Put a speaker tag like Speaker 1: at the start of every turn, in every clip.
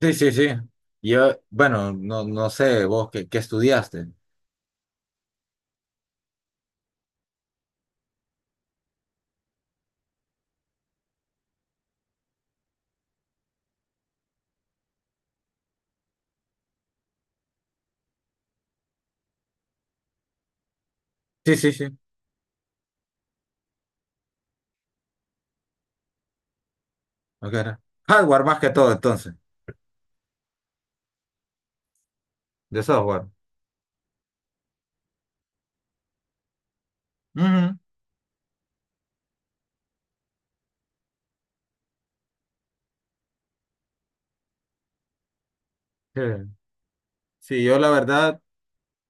Speaker 1: Sí, sí, sí. Yo, bueno, no, no sé, vos qué, qué estudiaste. Sí, sí, sí. Ok, era. Hardware más que todo, entonces, de software. Ujú. Sí. Sí, yo la verdad,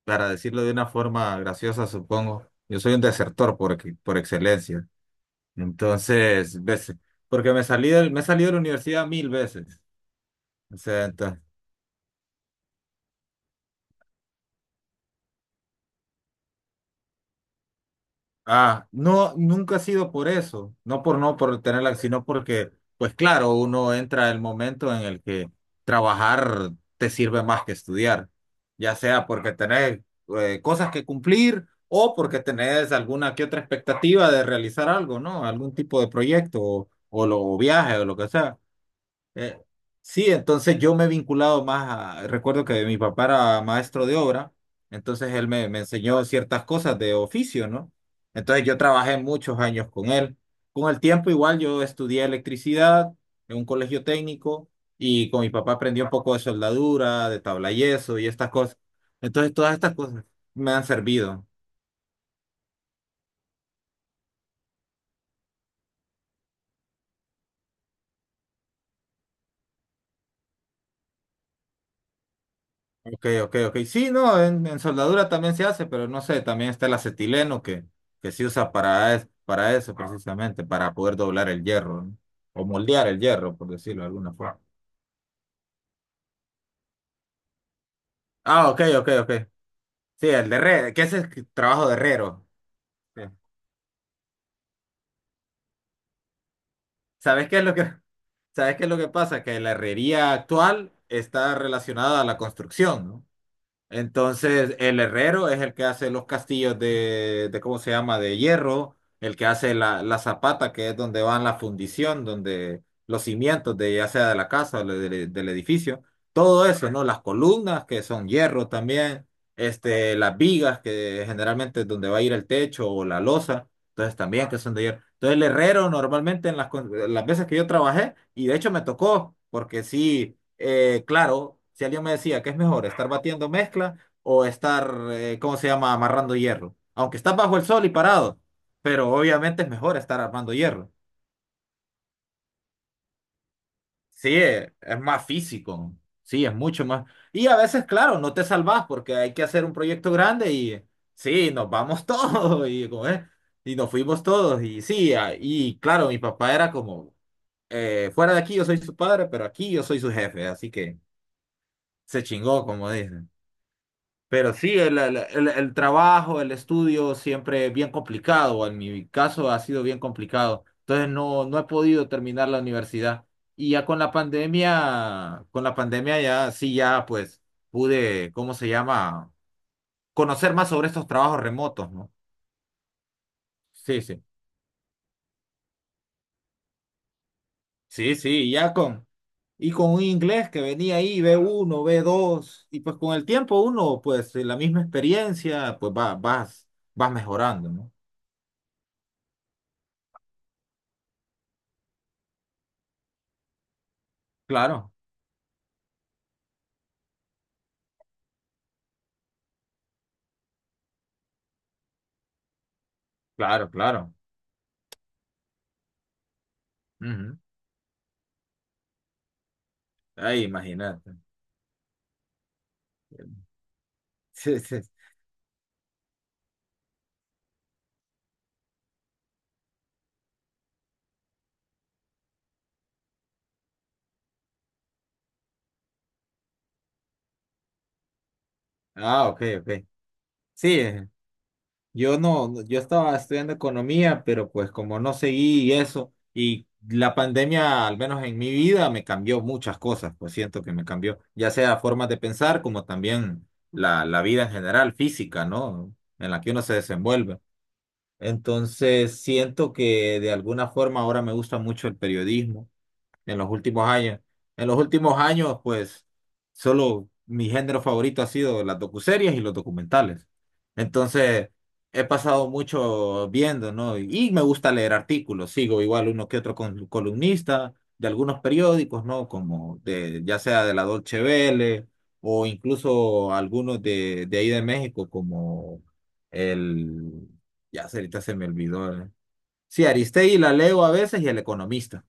Speaker 1: para decirlo de una forma graciosa, supongo, yo soy un desertor por excelencia. Entonces, veces, porque me he salido de la universidad mil veces. O sea, ah, no, nunca ha sido por eso, no por tenerla, sino porque, pues claro, uno entra el momento en el que trabajar te sirve más que estudiar, ya sea porque tenés cosas que cumplir o porque tenés alguna que otra expectativa de realizar algo, ¿no? Algún tipo de proyecto o, o viaje o lo que sea. Eh, sí, entonces yo me he vinculado más a, recuerdo que mi papá era maestro de obra, entonces me enseñó ciertas cosas de oficio, ¿no? Entonces yo trabajé muchos años con él. Con el tiempo igual yo estudié electricidad en un colegio técnico y con mi papá aprendí un poco de soldadura, de tablayeso y estas cosas. Entonces todas estas cosas me han servido. Ok, ok, ok. Sí, no, en soldadura también se hace, pero no sé, también está el acetileno que se usa para eso precisamente, para poder doblar el hierro, ¿no? O moldear el hierro, por decirlo de alguna forma. Ah, ok, ok, ok. Sí, el de herrero, que ese es el trabajo de herrero. Sí. ¿Sabes qué es lo que, sabes qué es lo que pasa? Que la herrería actual está relacionada a la construcción, ¿no? Entonces, el herrero es el que hace los castillos de ¿cómo se llama? De hierro, el que hace la zapata, que es donde van la fundición, donde los cimientos de ya sea de la casa del edificio, todo eso, ¿no? Las columnas que son hierro también, este, las vigas que generalmente es donde va a ir el techo o la losa, entonces también que son de hierro. Entonces, el herrero normalmente en las veces que yo trabajé, y de hecho me tocó, porque sí claro, si alguien me decía que es mejor estar batiendo mezcla o estar, ¿cómo se llama?, amarrando hierro. Aunque estás bajo el sol y parado, pero obviamente es mejor estar armando hierro. Sí, es más físico, sí, es mucho más. Y a veces, claro, no te salvás porque hay que hacer un proyecto grande y sí, nos vamos todos y, como es, y nos fuimos todos. Y sí, ah, y claro, mi papá era como, fuera de aquí yo soy su padre, pero aquí yo soy su jefe, así que se chingó, como dice. Pero sí, el trabajo, el estudio siempre es bien complicado. En mi caso ha sido bien complicado. Entonces no, no he podido terminar la universidad. Y ya con la pandemia ya sí, ya pues pude, ¿cómo se llama? Conocer más sobre estos trabajos remotos, ¿no? Sí, sí. Sí, sí, ya con, y con un inglés que venía ahí, B1, B2, y pues con el tiempo uno, pues la misma experiencia, pues va, vas mejorando, ¿no? Claro, claro, claro. Ujú. Ay, imagínate. Sí, sí. Ah, ok, ok. Sí, yo yo estaba estudiando economía, pero pues como no seguí eso, y la pandemia, al menos en mi vida, me cambió muchas cosas, pues siento que me cambió, ya sea formas de pensar, como también la vida en general, física, ¿no? En la que uno se desenvuelve. Entonces, siento que de alguna forma ahora me gusta mucho el periodismo en los últimos años. En los últimos años, pues, solo mi género favorito ha sido las docuseries y los documentales. Entonces, he pasado mucho viendo, ¿no? Y me gusta leer artículos. Sigo igual uno que otro columnista de algunos periódicos, ¿no? Como de, ya sea de la Dolce Vele o incluso algunos de ahí de México, como el... Ya ahorita se me olvidó. ¿Eh? Sí, Aristegui la leo a veces y El Economista.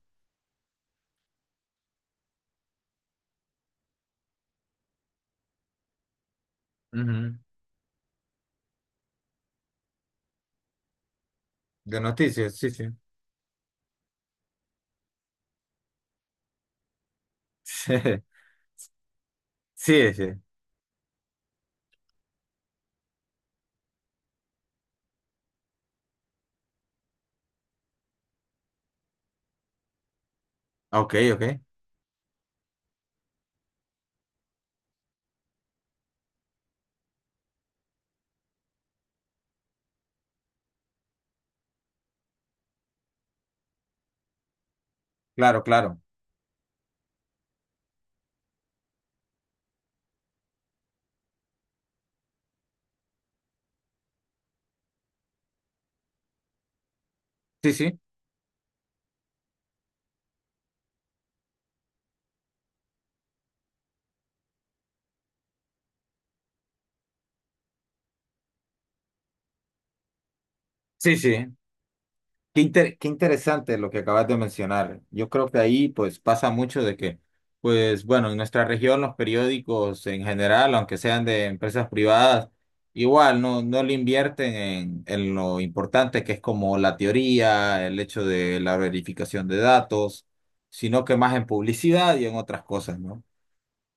Speaker 1: Ujú. De noticias, sí, sí. Sí, sí, sí. Ok, ok. Claro, claro. Sí, sí. Sí, sí. Qué qué interesante lo que acabas de mencionar. Yo creo que ahí pues pasa mucho de que, pues bueno, en nuestra región los periódicos en general, aunque sean de empresas privadas, igual no, no le invierten en lo importante que es como la teoría, el hecho de la verificación de datos, sino que más en publicidad y en otras cosas, ¿no?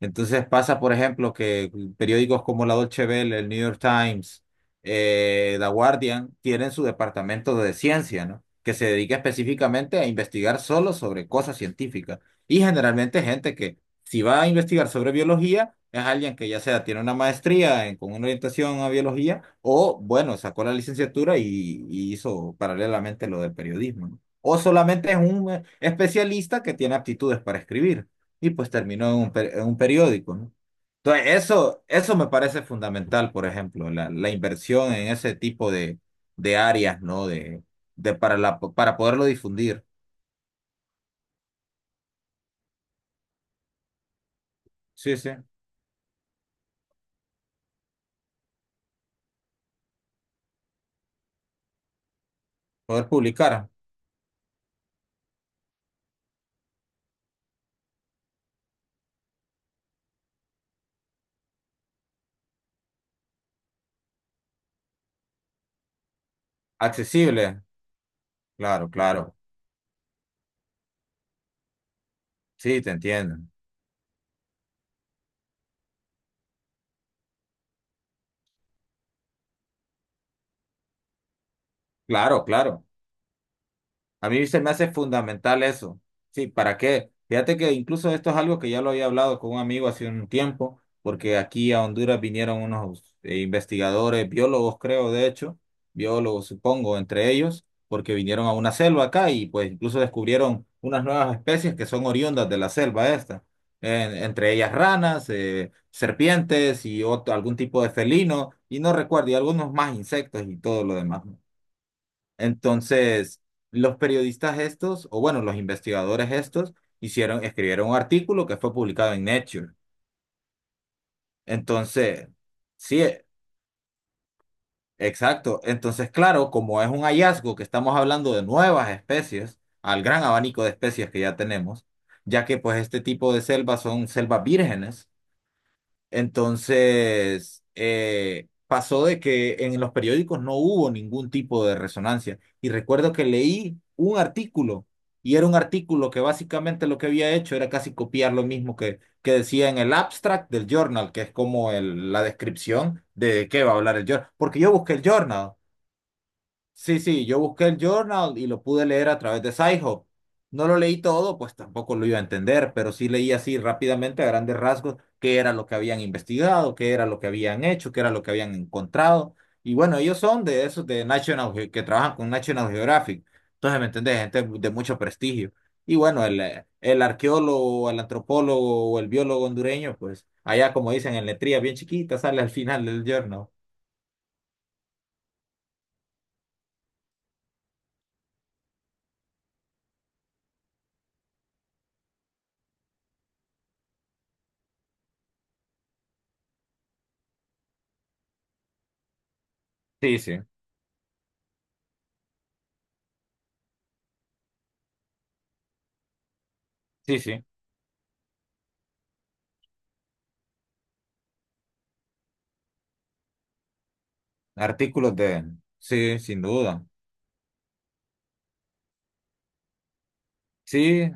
Speaker 1: Entonces pasa, por ejemplo, que periódicos como la Dolce Vele, el New York Times, The Guardian, tienen su departamento de ciencia, ¿no? Que se dedica específicamente a investigar solo sobre cosas científicas. Y generalmente gente que si va a investigar sobre biología, es alguien que ya sea tiene una maestría con una orientación a biología o, bueno, sacó la licenciatura y hizo paralelamente lo del periodismo, ¿no? O solamente es un especialista que tiene aptitudes para escribir y pues terminó en en un periódico, ¿no? Entonces, eso me parece fundamental, por ejemplo, la inversión en ese tipo de áreas, ¿no? De para la, para poderlo difundir. Sí, sí. Poder publicar. Accesible. Claro, claro. Sí, te entiendo. Claro, claro. A mí se me hace fundamental eso. Sí, ¿para qué? Fíjate que incluso esto es algo que ya lo había hablado con un amigo hace un tiempo, porque aquí a Honduras vinieron unos investigadores, biólogos creo, de hecho, biólogos supongo, entre ellos, porque vinieron a una selva acá y pues incluso descubrieron unas nuevas especies que son oriundas de la selva esta, entre ellas ranas, serpientes y otro, algún tipo de felino, y no recuerdo, y algunos más insectos y todo lo demás, ¿no? Entonces, los periodistas estos, o bueno, los investigadores estos, hicieron, escribieron un artículo que fue publicado en Nature. Entonces, sí, exacto. Entonces, claro, como es un hallazgo que estamos hablando de nuevas especies, al gran abanico de especies que ya tenemos, ya que pues este tipo de selvas son selvas vírgenes. Entonces, pasó de que en los periódicos no hubo ningún tipo de resonancia. Y recuerdo que leí un artículo, y era un artículo que básicamente lo que había hecho era casi copiar lo mismo que decía en el abstract del journal, que es como la descripción de qué va a hablar el journal. Porque yo busqué el journal. Sí, sí, yo busqué el journal y lo pude leer a través de SciHub. No lo leí todo, pues tampoco lo iba a entender, pero sí leí así rápidamente a grandes rasgos qué era lo que habían investigado, qué era lo que habían hecho, qué era lo que habían encontrado. Y bueno, ellos son de esos de que trabajan con National Geographic. Entonces, ¿me entendés? Gente de mucho prestigio. Y bueno, el arqueólogo, el antropólogo o el biólogo hondureño, pues allá como dicen en letrías bien chiquitas, sale al final del journal. Sí, sí, sí, sí. Artículos de... Sí, sin duda. Sí,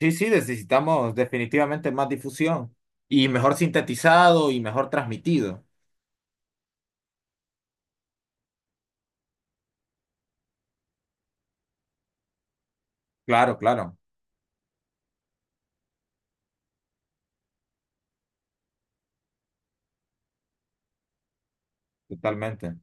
Speaker 1: sí, sí, necesitamos definitivamente más difusión y mejor sintetizado y mejor transmitido. Claro, claro, totalmente.